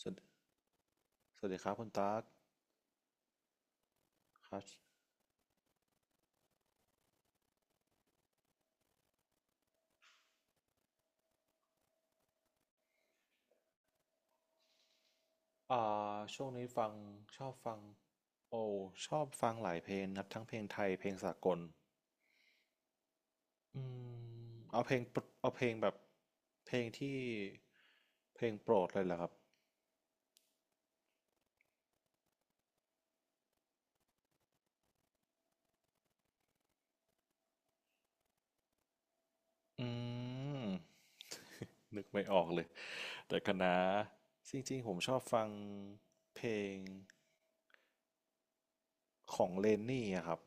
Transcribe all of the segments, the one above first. สวัสสวัสดีครับคุณตั๊กครับอ่ช่วงนี้ฟังชอบฟังโอชอบฟังหลายเพลงนะครับทั้งเพลงไทยเพลงสากลอืเอาเพลงปรเอาเพลงแบบเพลงที่เพลงโปรดเลยเหรอครับอืมนึกไม่ออกเลยแต่คณะจริงๆผมชอบฟังเพลงของเลนนี่อะครับ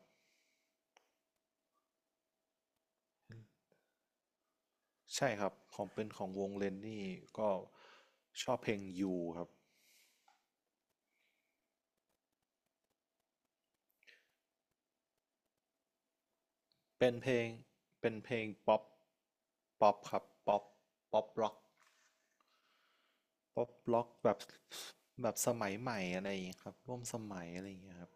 ใช่ครับของเป็นของวงเลนนี่ก็ชอบเพลงยูครับ เป็นเพลงป๊อปป๊อปครับป๊อปป๊อปร็อกป๊อปร็อกแบบแบบสมัยใหม่อะไรอย่างเงี้ยครับร่วมสมัยอะไรอย่างเงี้ยครับ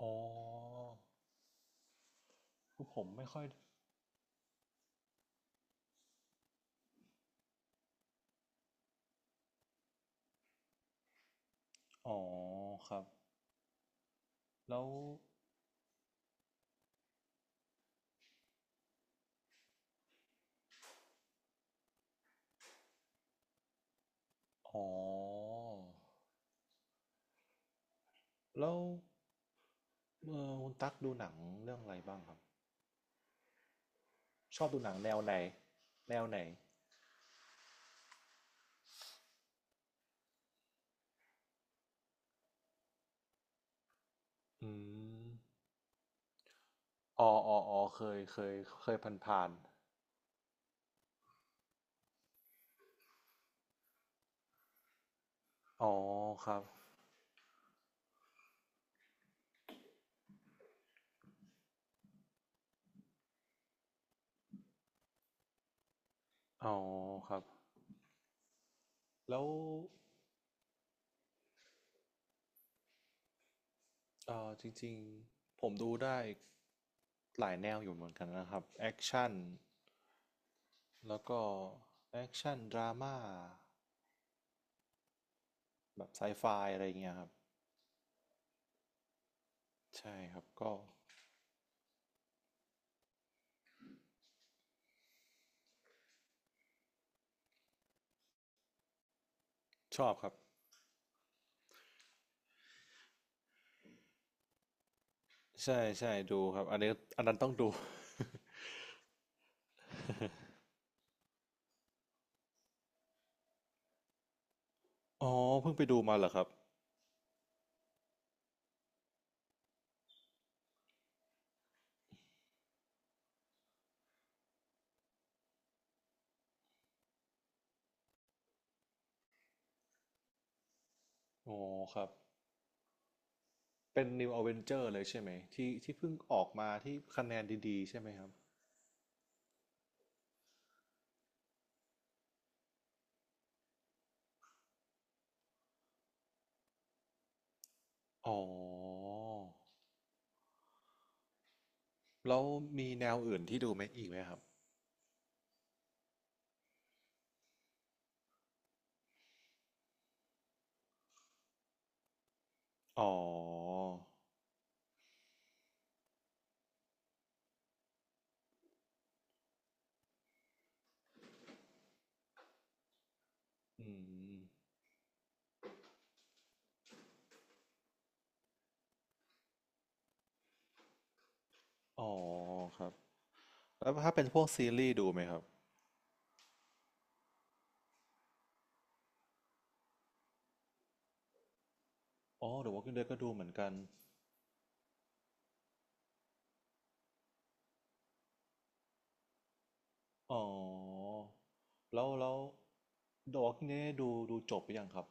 อ๋อคือผมไม่ค่อยอ๋อครับแล้วอ๋อแล้วคุณตั๊กดูหนังเรื่องอะไรบ้างครับชอบดูหนังแนวไหนแนวไหนอืมอ๋ออ๋ออ๋อเคยเคยเคยผ่านผ่านอ๋อครับอ๋อครับแล้ว จริงๆผมดูได้หลายแนวอยู่เหมือนกันนะครับแอคชั่นแล้วก็แอคชั่นดราม่าแบบไซไฟอะไรเงี้ยครับใช่ครับก็ชอบครับใช่ใช่ดูครับอันนี้อันนั้นต้องดู อ๋อเพิ่งไปดูมาเหรอครับอ๋อครับเป็น New Avenger เลยใช่ไหมที่ที่เพิ่งออกมาที่คะแนนดีๆใช่ไหมครับอ๋อแล้วมีแนวอื่นที่ดูไหมไหมครับอ๋ออืมอ๋อครับ แล้วถ้าเป็นพวกซีรีส์ดูไหมครับอ๋อ The Walking Dead ก็ดูเหมือนกัน อ๋อ แล้วThe Walking Dead ดูจบไปยังครับ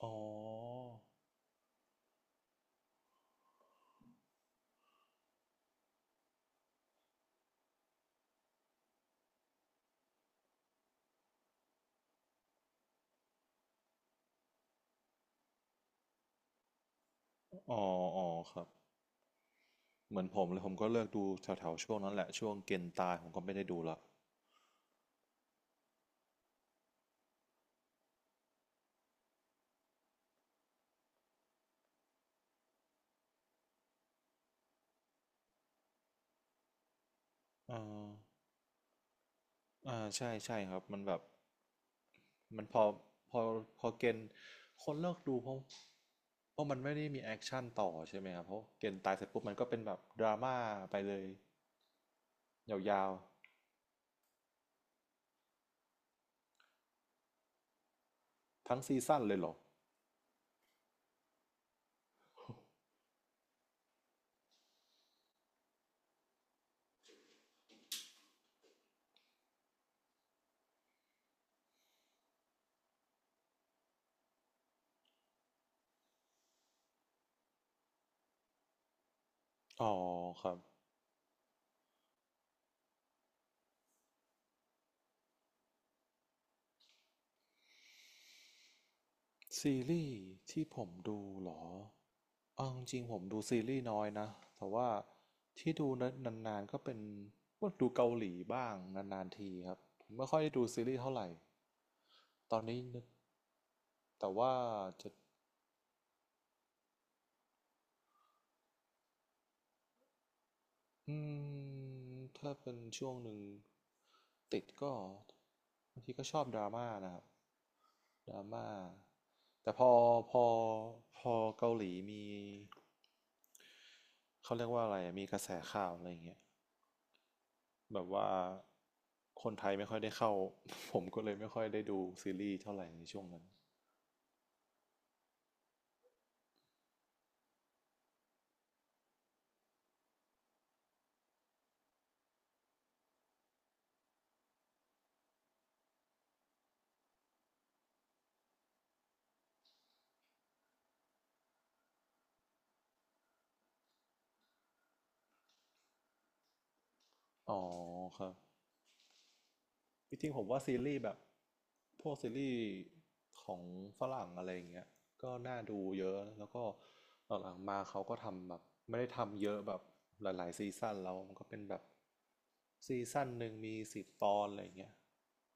อ๋อ อ๋อ อ๋อครับ เหมือนผมเลยผมก็เลิกดูแถวๆช่วงนั้นแหละช่วงเกณฑ์ตายผมก็ไม่ได้ดูละอ่าอ่าใช่ใช่ครับมันแบบมันพอพอเกณฑ์คนเลิกดูเพราะมันไม่ได้มีแอคชั่นต่อใช่ไหมครับเพราะเกณฑ์ตายเสร็จปุ๊บมันก็เป็นแบบดราม่าไปเลยยาวๆทั้งซีซั่นเลยเหรอ อ๋อครับซีรีส์ที่ผมดูเหรอเอาจริงๆผมดูซีรีส์น้อยนะแต่ว่าที่ดูนานๆก็เป็นพวกดูเกาหลีบ้างนานๆทีครับผมไม่ค่อยได้ดูซีรีส์เท่าไหร่ตอนนี้นึกแต่ว่าจะ อืถ้าเป็นช่วงหนึ่งติดก็บางทีก็ชอบดราม่านะครับดราม่าแต่พอพอเกาหลีมีเขาเรียกว่าอะไรอะมีกระแสข่าวอะไรอย่างเงี้ยแบบว่าคนไทยไม่ค่อยได้เข้า ผมก็เลยไม่ค่อยได้ดูซีรีส์เท่าไหร่ในช่วงนั้นอ๋อครับ จริงๆผมว่าซีรีส์แบบพวกซีรีส์ของฝรั่งอะไรอย่างเงี้ยก็น่าดูเยอะแล้วก็หลังๆมาเขาก็ทำแบบไม่ได้ทำเยอะแบบหลายๆซีซั่นแล้วมันก็เป็นแบบซีซั่นหนึ่งมีสิบตอนอะไรอย่างเงี้ย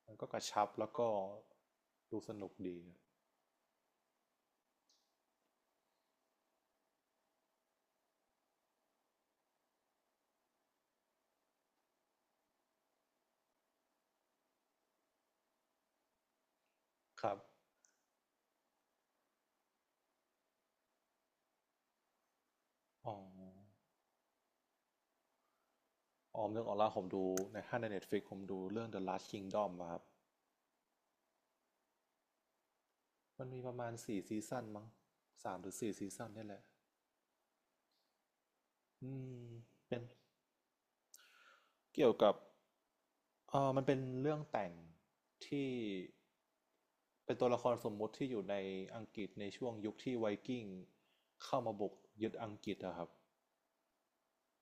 มันก็กระชับแล้วก็ดูสนุกดีครับอ๋อออมเรื่องออนไลน์ผมดูในถ้าใน Netflix ผมดูเรื่อง The Last Kingdom อะครับมันมีประมาณสี่ซีซั่นมั้งสามหรือสี่ซีซั่นนี่แหละอืมเป็น เกี่ยวกับมันเป็นเรื่องแต่งที่เป็นตัวละครสมมุติที่อยู่ในอังกฤษในช่วงยุคที่ไวกิ้งเข้ามาบุกยึดอังกฤษอะครับ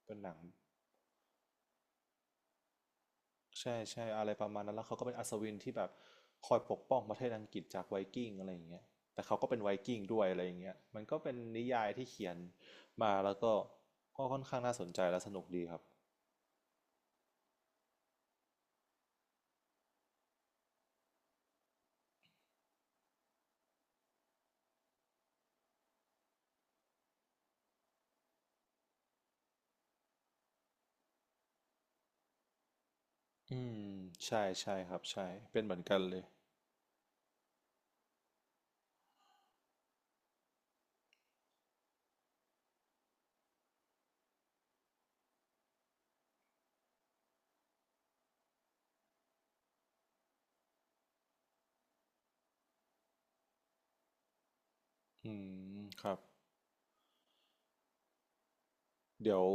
เป็นหนังใช่ใช่อะไรประมาณนั้นแล้วเขาก็เป็นอัศวินที่แบบคอยปกป้องประเทศอังกฤษจากไวกิ้งอะไรอย่างเงี้ยแต่เขาก็เป็นไวกิ้งด้วยอะไรอย่างเงี้ยมันก็เป็นนิยายที่เขียนมาแล้วก็ก็ค่อนข้างน่าสนใจและสนุกดีครับอืมใช่ใช่ครับใช่เป็นเหมือนกันเลยอืมครับ เดี๋ยว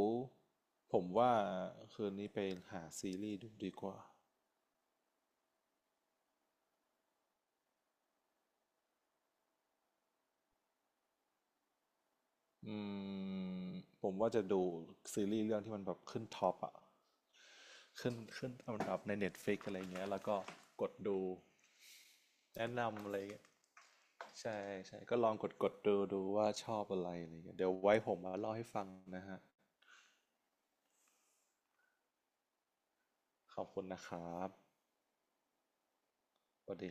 ผมว่าคืนนี้ไปหาซีรีส์ดูดีกว่า อืม ผมว่าจะดูซีรีส์เรื่องที่มันแบบขึ้นท็อปอะขึ้นอันดับใน Netflix อะไรเงี้ยแล้วก็กดดูแนะนำอะไรเงี้ยใช่ใช่ก็ลองกดดูดูว่าชอบอะไรอะไรเงี้ยเดี๋ยวไว้ผมมาเล่าให้ฟังนะฮะ ขอบคุณนะครับสวัสดี